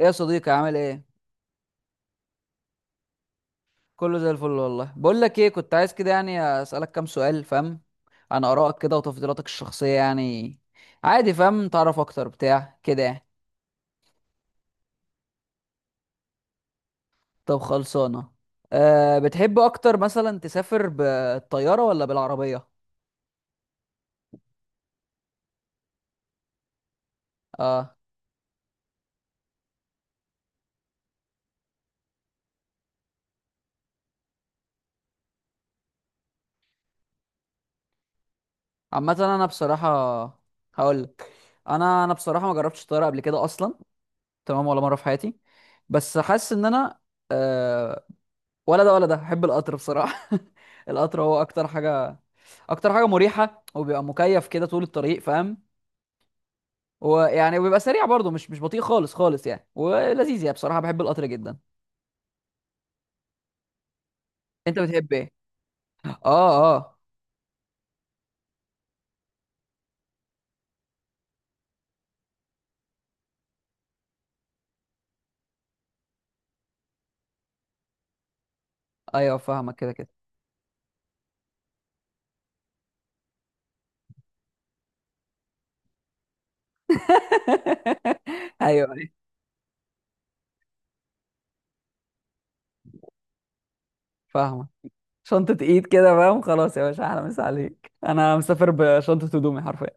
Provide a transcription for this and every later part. ايه يا صديقي، عامل ايه؟ كله زي الفل والله. بقول لك ايه، كنت عايز كده يعني اسالك كام سؤال فاهم، عن ارائك كده وتفضيلاتك الشخصيه يعني. عادي فاهم، تعرف اكتر بتاع كده يعني. طب خلصانه. أه، بتحب اكتر مثلا تسافر بالطياره ولا بالعربيه؟ اه. عامه انا بصراحه هقول لك، انا بصراحه ما جربتش الطياره قبل كده اصلا، تمام، ولا مره في حياتي. بس حاسس ان انا آه، ولا ده ولا ده، بحب القطر بصراحة. القطر هو أكتر حاجة، أكتر حاجة مريحة، وبيبقى مكيف كده طول الطريق فاهم. ويعني وبيبقى سريع برضه، مش بطيء خالص خالص يعني، ولذيذ يعني. بصراحة بحب القطر جدا. أنت بتحب إيه؟ آه آه. أيوه فاهمك كده كده. أيوه أيوه فاهمك. شنطة إيد كده فاهم، خلاص يا باشا، أحلى مسا عليك. أنا مسافر بشنطة هدومي حرفيا.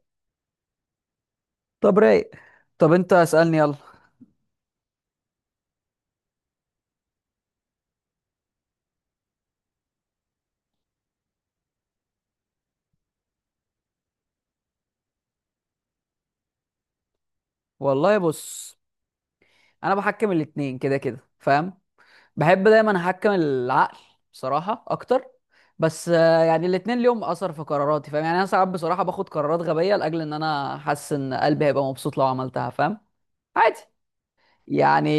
طب رايق. طب أنت اسألني يلا. والله بص، أنا بحكم الاتنين كده كده فاهم. بحب دايما احكم العقل بصراحه اكتر، بس يعني الاتنين ليهم اثر في قراراتي فاهم. يعني انا ساعات بصراحه باخد قرارات غبيه لاجل ان انا حاسس ان قلبي هيبقى مبسوط لو عملتها فاهم. عادي يعني،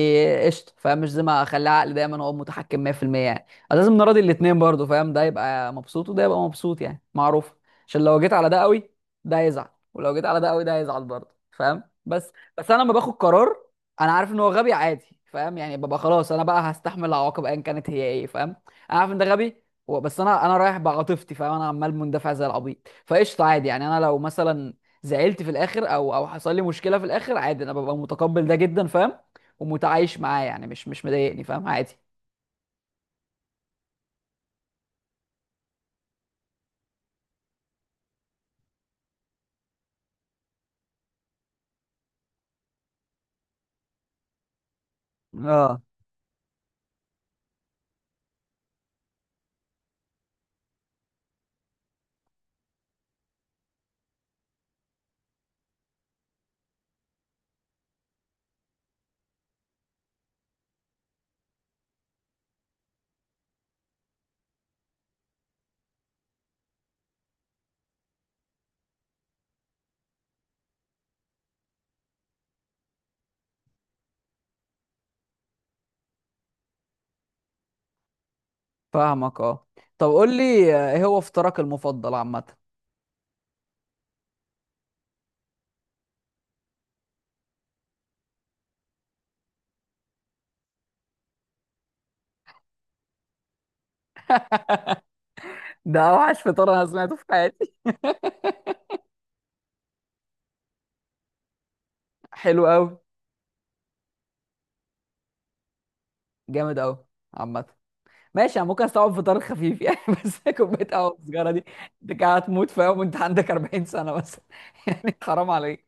قشطه فاهم. مش زي ما اخلي عقلي دايما هو متحكم 100% يعني. أنا لازم نراضي الاثنين برضو فاهم، ده يبقى مبسوط وده يبقى مبسوط يعني معروف. عشان لو جيت على ده قوي ده يزعل، ولو جيت على ده قوي ده هيزعل برضه فاهم. بس، بس انا لما باخد قرار انا عارف ان هو غبي، عادي فاهم. يعني ببقى خلاص، انا بقى هستحمل العواقب ايا كانت هي ايه فاهم. انا عارف ان ده غبي بس انا رايح بعاطفتي فاهم، انا عمال مندفع زي العبيط. فقشطه عادي. يعني انا لو مثلا زعلت في الاخر او حصل لي مشكله في الاخر، عادي، انا ببقى متقبل ده جدا فاهم. ومتعايش معاه، يعني مش مضايقني فاهم، عادي. اه فاهمك اه. طب قول لي ايه هو فطارك المفضل عامة؟ ده اوحش فطار انا سمعته في حياتي. حلو قوي. جامد قوي. عامة ماشي، انا ممكن استوعب فطار خفيف يعني. بس كوباية قهوة وسجارة دي، انت قاعد تموت فيهم وانت عندك 40 سنة بس. يعني حرام عليك.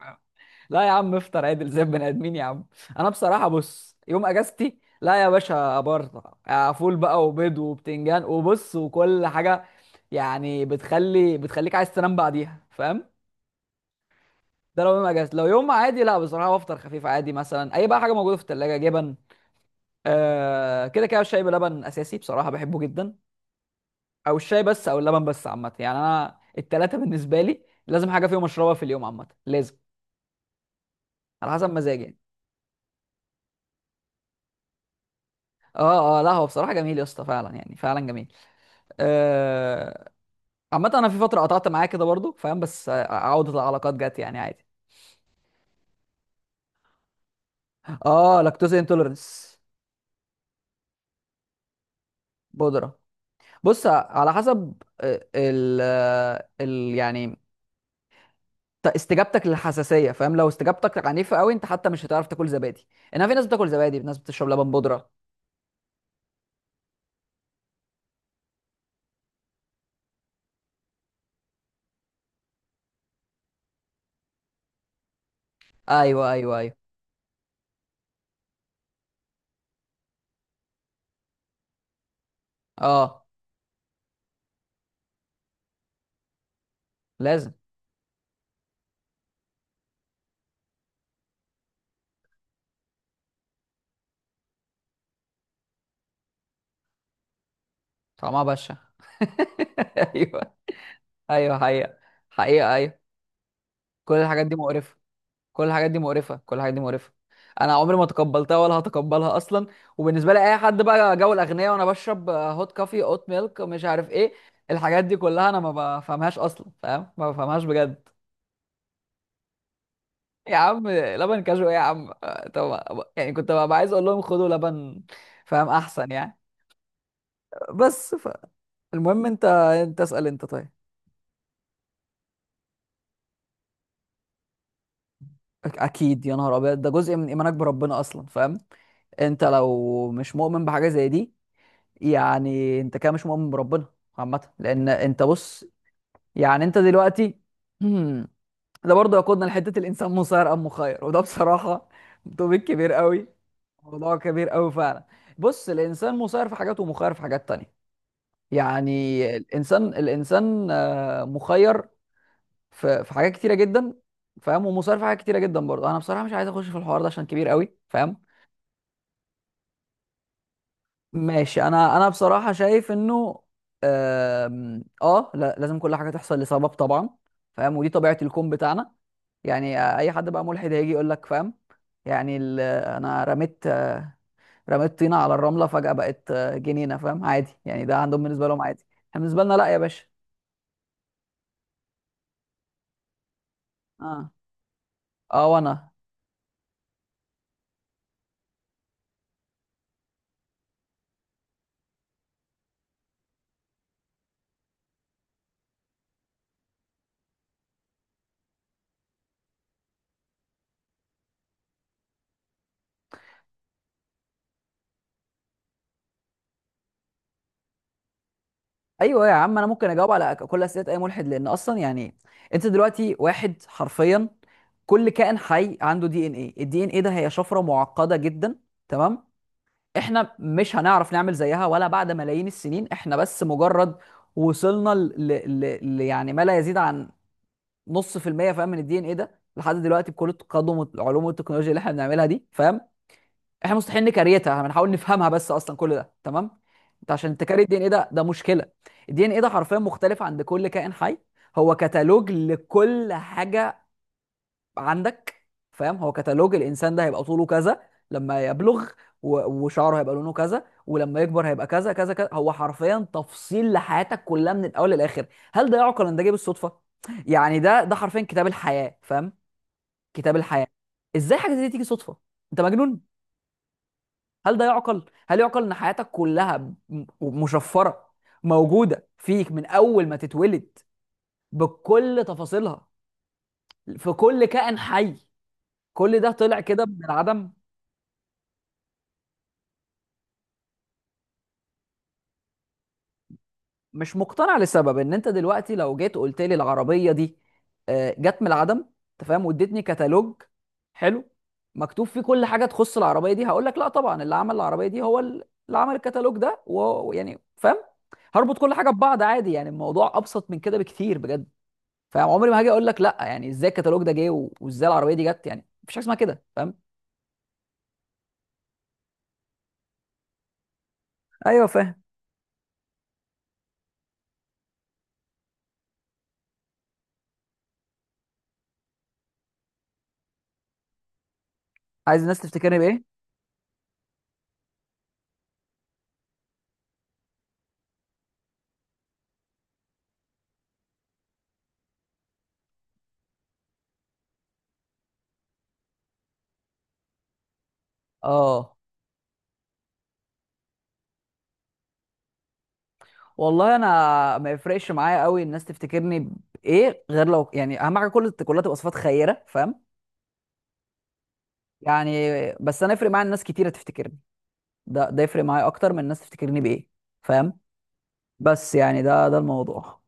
لا يا عم، افطر عدل زي البني ادمين يا عم. انا بصراحه بص، يوم اجازتي لا يا باشا، ابرطع فول بقى وبيض وبتنجان وبص وكل حاجه. يعني بتخلي بتخليك عايز تنام بعديها فاهم. ده لو يوم اجازتي، لو يوم عادي لا، بصراحه بفطر خفيف عادي، مثلا اي بقى حاجه موجوده في الثلاجه، جبن. آه كده كده، الشاي بلبن اساسي بصراحه بحبه جدا. او الشاي بس او اللبن بس. عامه يعني انا التلاته بالنسبه لي لازم حاجه فيهم اشربها في اليوم عامه، لازم على حسب مزاجي يعني. اه اه، لا هو بصراحه جميل يا اسطى، فعلا يعني فعلا جميل. آه، عامة انا في فترة قطعت معاه كده برضو فاهم، بس عودة العلاقات جت يعني عادي. اه، لاكتوز انتولرنس. بودرة. بص على حسب آه، ال آه، ال يعني استجابتك للحساسية فاهم. لو استجابتك عنيفة قوي انت حتى مش هتعرف تاكل زبادي. انما في ناس بتاكل زبادي، في ناس بتشرب لبن بودرة. ايوه ايوه ايوه. اه لازم. طعمها بشع. ايوه ايوه حقيقة، حقيقة ايوه. كل الحاجات دي مقرفة. كل الحاجات دي مقرفه، كل الحاجات دي مقرفه. انا عمري ما تقبلتها ولا هتقبلها اصلا. وبالنسبه لي اي حد بقى جو الاغنياء وانا بشرب هوت كافي اوت ميلك مش عارف ايه، الحاجات دي كلها انا ما بفهمهاش اصلا فاهم، ما بفهمهاش بجد. يا عم لبن كاجو ايه يا عم، طب يعني كنت ببقى عايز اقول لهم خدوا لبن فاهم احسن يعني. بس ف... المهم انت انت اسال انت، طيب. اكيد يا نهار ابيض، ده جزء من ايمانك بربنا اصلا فاهم. انت لو مش مؤمن بحاجه زي دي، يعني انت كده مش مؤمن بربنا. عامة لان انت بص، يعني انت دلوقتي ده برضه يقودنا لحتة الانسان مسير ام مخير، وده بصراحة توبيك كبير قوي. موضوع كبير قوي فعلا. بص، الانسان مسير في حاجات ومخير في حاجات تانية. يعني الانسان، الانسان مخير في حاجات كتيرة جدا فاهم، ومسير في حاجات كتيرة جدا برضه. انا بصراحة مش عايز اخش في الحوار ده عشان كبير قوي فاهم. ماشي، انا بصراحه شايف انه اه، لا لازم كل حاجه تحصل لسبب طبعا فاهم. ودي طبيعه الكون بتاعنا. يعني اي حد بقى ملحد هيجي يقول لك فاهم، يعني انا رميت رميت طينه على الرمله فجاه بقت جنينه فاهم، عادي يعني، ده عندهم بالنسبه لهم عادي. احنا بالنسبه لنا لا يا باشا. اه اه. وانا ايوه يا عم، انا ممكن اجاوب على كل اسئله اي ملحد، لان اصلا يعني انت دلوقتي، واحد حرفيا كل كائن حي عنده دي ان ايه. الدي ان ايه ده هي شفره معقده جدا، تمام. احنا مش هنعرف نعمل زيها ولا بعد ملايين السنين. احنا بس مجرد وصلنا يعني ما لا يزيد عن نص في المية فاهم من الدي ان ايه ده لحد دلوقتي، بكل التقدم والعلوم والتكنولوجيا اللي احنا بنعملها دي فاهم. احنا مستحيل نكريتها، هنحاول نفهمها بس اصلا كل ده تمام. انت عشان تكري الدي ان ايه ده، ده مشكله. الدي ان ايه ده حرفيا مختلف عند كل كائن حي. هو كتالوج لكل حاجه عندك فاهم. هو كتالوج الانسان، ده هيبقى طوله كذا لما يبلغ، و وشعره هيبقى لونه كذا، ولما يكبر هيبقى كذا كذا كذا. هو حرفيا تفصيل لحياتك كلها من الاول للاخر. هل ده يعقل ان ده جه بالصدفه؟ يعني ده حرفيا كتاب الحياه فاهم. كتاب الحياه. ازاي حاجه زي دي تيجي صدفه؟ انت مجنون. هل ده يعقل؟ هل يعقل ان حياتك كلها مشفره، موجوده فيك من اول ما تتولد بكل تفاصيلها، في كل كائن حي، كل ده طلع كده من العدم؟ مش مقتنع، لسبب ان انت دلوقتي لو جيت قلت لي العربيه دي جت من العدم انت فاهم، واديتني كتالوج حلو مكتوب فيه كل حاجه تخص العربيه دي، هقول لك لا طبعا اللي عمل العربيه دي هو اللي عمل الكتالوج ده و ويعني فاهم، هربط كل حاجه ببعض عادي. يعني الموضوع ابسط من كده بكتير بجد. فعمري ما هاجي اقول لك لا، يعني ازاي الكتالوج ده جه و وازاي العربيه دي جت، يعني مفيش حاجه اسمها كده فاهم. ايوه فاهم. عايز الناس تفتكرني بايه؟ اه والله انا ما يفرقش معايا قوي الناس تفتكرني بايه، غير لو يعني اهم حاجه كل كلها تبقى صفات خيره فاهم. يعني بس انا يفرق معايا الناس كتيره تفتكرني. ده يفرق معايا اكتر من الناس تفتكرني بايه فاهم. بس يعني ده الموضوع.